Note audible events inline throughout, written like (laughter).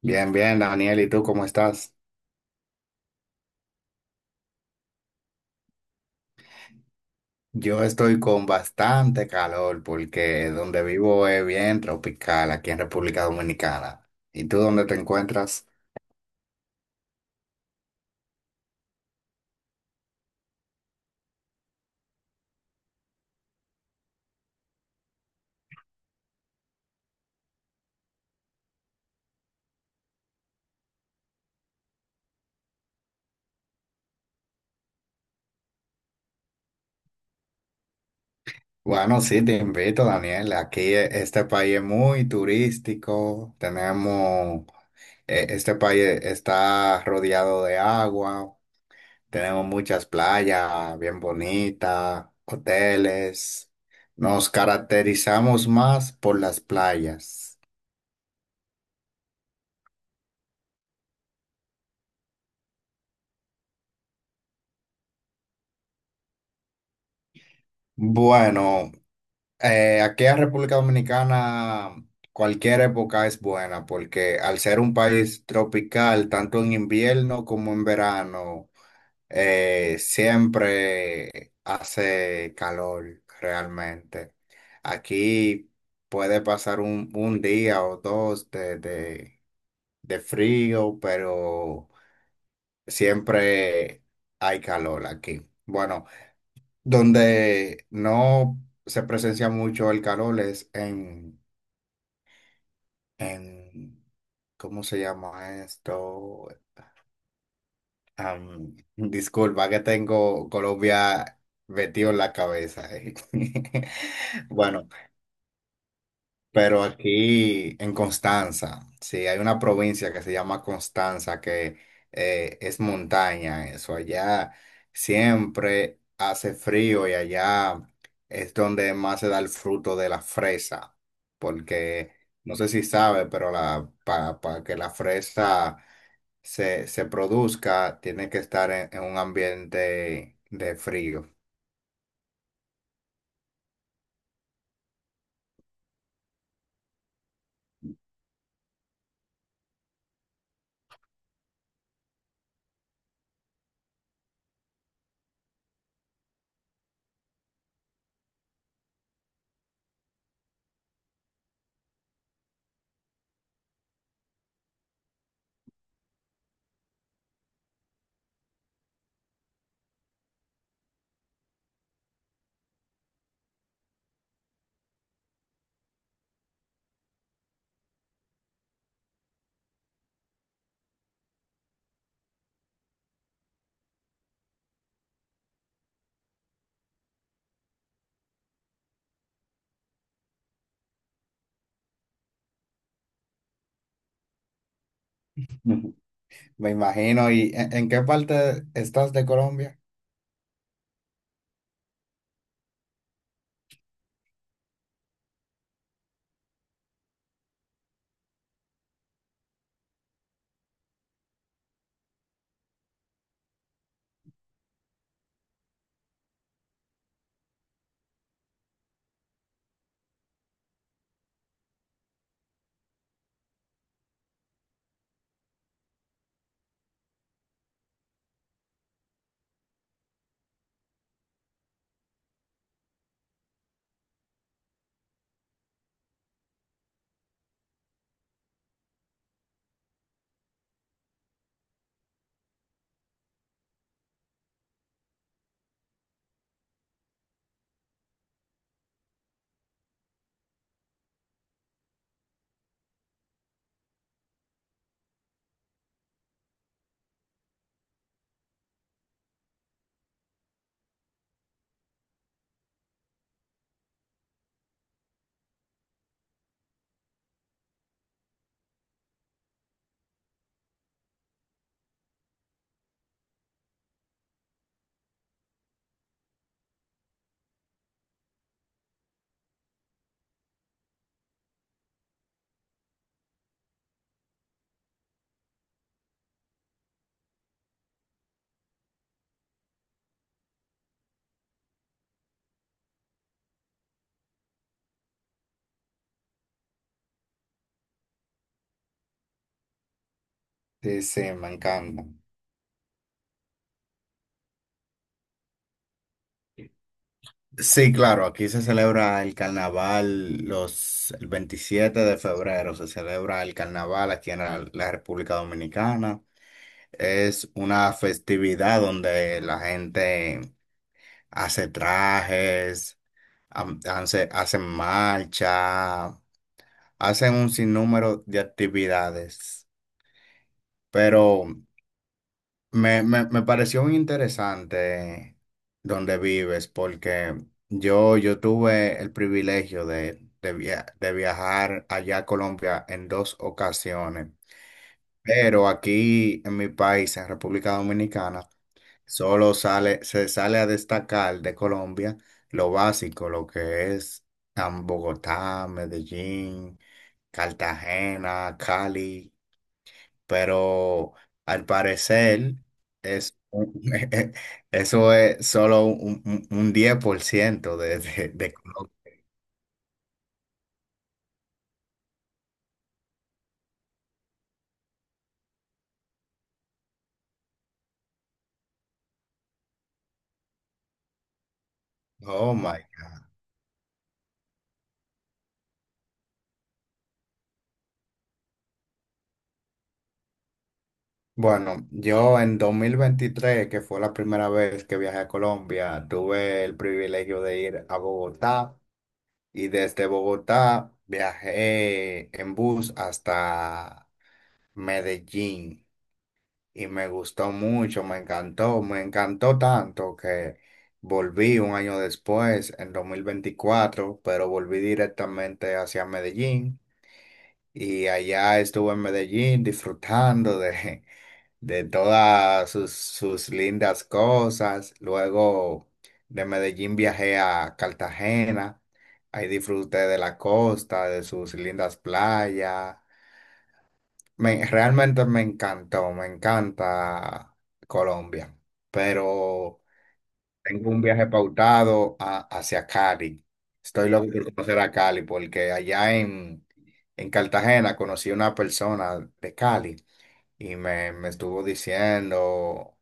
Bien, bien, Daniel, ¿y tú cómo estás? Yo estoy con bastante calor porque donde vivo es bien tropical, aquí en República Dominicana. ¿Y tú dónde te encuentras? Bueno, sí, te invito, Daniel. Aquí este país es muy turístico. Este país está rodeado de agua. Tenemos muchas playas bien bonitas, hoteles. Nos caracterizamos más por las playas. Bueno, aquí en República Dominicana cualquier época es buena porque al ser un país tropical, tanto en invierno como en verano, siempre hace calor realmente. Aquí puede pasar un día o dos de de frío, pero siempre hay calor aquí. Bueno, donde no se presencia mucho el calor es en ¿cómo se llama esto? Disculpa que tengo Colombia metido en la cabeza. (laughs) Bueno, pero aquí en Constanza, sí, hay una provincia que se llama Constanza, que es montaña, eso. Allá siempre hace frío y allá es donde más se da el fruto de la fresa, porque no sé si sabe, pero que la fresa se produzca, tiene que estar en un ambiente de frío. Ujú. Me imagino, ¿y en qué parte estás de Colombia? Sí, sí, me encanta. Sí, claro, aquí se celebra el 27 de febrero, se celebra el carnaval aquí en la República Dominicana. Es una festividad donde la gente hace trajes, hace, hacen marcha, hacen un sinnúmero de actividades. Pero me pareció muy interesante donde vives, porque yo tuve el privilegio de viajar allá a Colombia en dos ocasiones, pero aquí en mi país, en República Dominicana, solo sale, se sale a destacar de Colombia lo básico, lo que es Bogotá, Medellín, Cartagena, Cali, pero al parecer es, un- (laughs) eso es solo un 10% de Colombia. Oh my. Bueno, yo en 2023, que fue la primera vez que viajé a Colombia, tuve el privilegio de ir a Bogotá y desde Bogotá viajé en bus hasta Medellín. Y me gustó mucho, me encantó tanto que volví un año después, en 2024, pero volví directamente hacia Medellín y allá estuve en Medellín disfrutando de, (laughs) de todas sus, sus lindas cosas. Luego de Medellín viajé a Cartagena, ahí disfruté de la costa, de sus lindas playas. Realmente me encantó, me encanta Colombia, pero tengo un viaje pautado hacia Cali. Estoy loco por conocer a Cali porque en Cartagena conocí una persona de Cali y me estuvo diciendo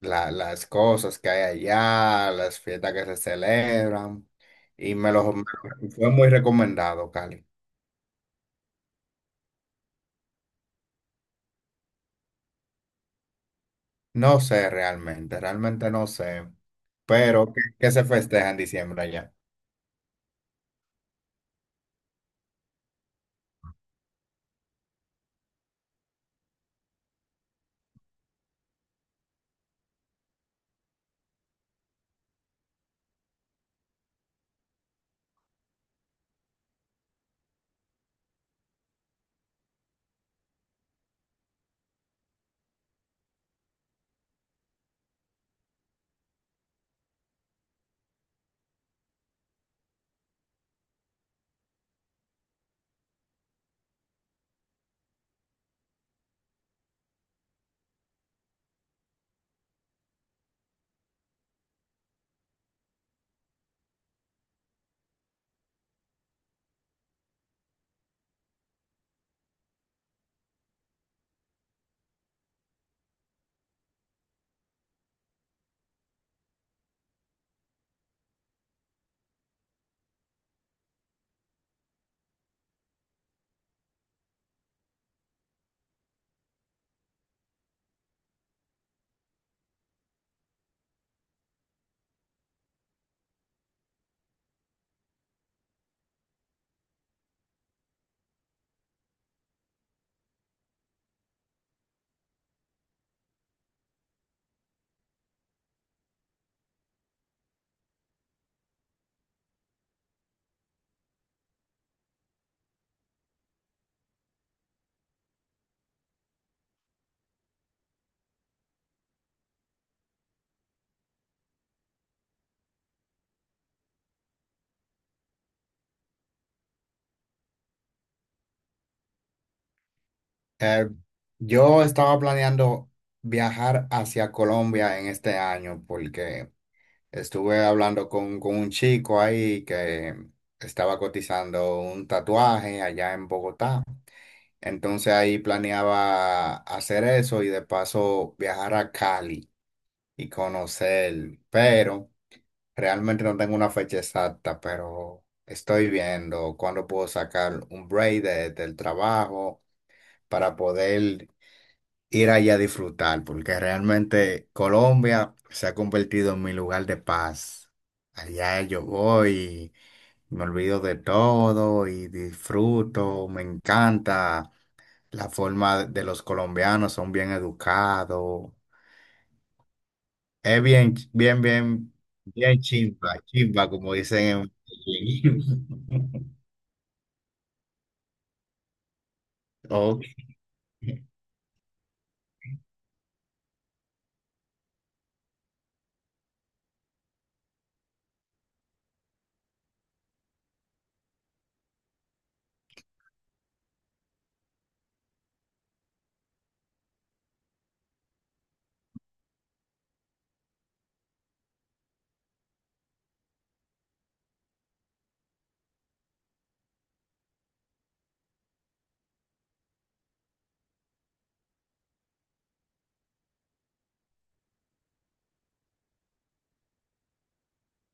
las cosas que hay allá, las fiestas que se celebran y fue muy recomendado Cali. No sé realmente, realmente no sé, pero ¿qué, qué se festeja en diciembre allá? Eh, yo estaba planeando viajar hacia Colombia en este año porque estuve hablando con un chico ahí que estaba cotizando un tatuaje allá en Bogotá. Entonces ahí planeaba hacer eso y de paso viajar a Cali y conocer, pero... Realmente no tengo una fecha exacta, pero estoy viendo cuándo puedo sacar un break del trabajo para poder ir allá a disfrutar, porque realmente Colombia se ha convertido en mi lugar de paz. Allá yo voy, me olvido de todo y disfruto, me encanta la forma de los colombianos, son bien educados. Es bien chimba, chimba, como dicen en (laughs) Medellín. Ok,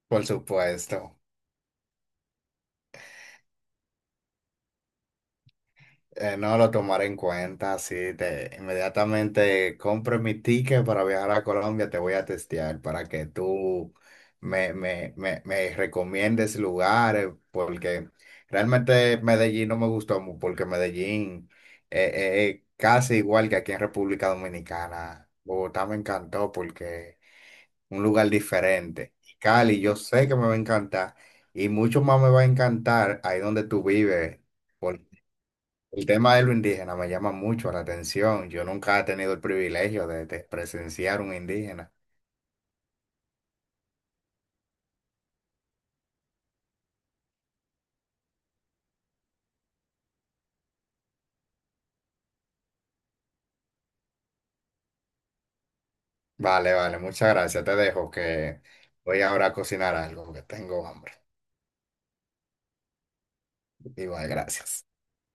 por supuesto. No lo tomaré en cuenta, sí, te, inmediatamente compro mi ticket para viajar a Colombia, te voy a testear para que tú me recomiendes lugares, porque realmente Medellín no me gustó mucho, porque Medellín es casi igual que aquí en República Dominicana. Bogotá me encantó porque... un lugar diferente. Y Cali, yo sé que me va a encantar y mucho más me va a encantar ahí donde tú vives. Por el tema de lo indígena me llama mucho la atención. Yo nunca he tenido el privilegio de presenciar un indígena. Vale, vale, muchas gracias. Te dejo que voy ahora a cocinar algo que tengo hambre. Igual, gracias.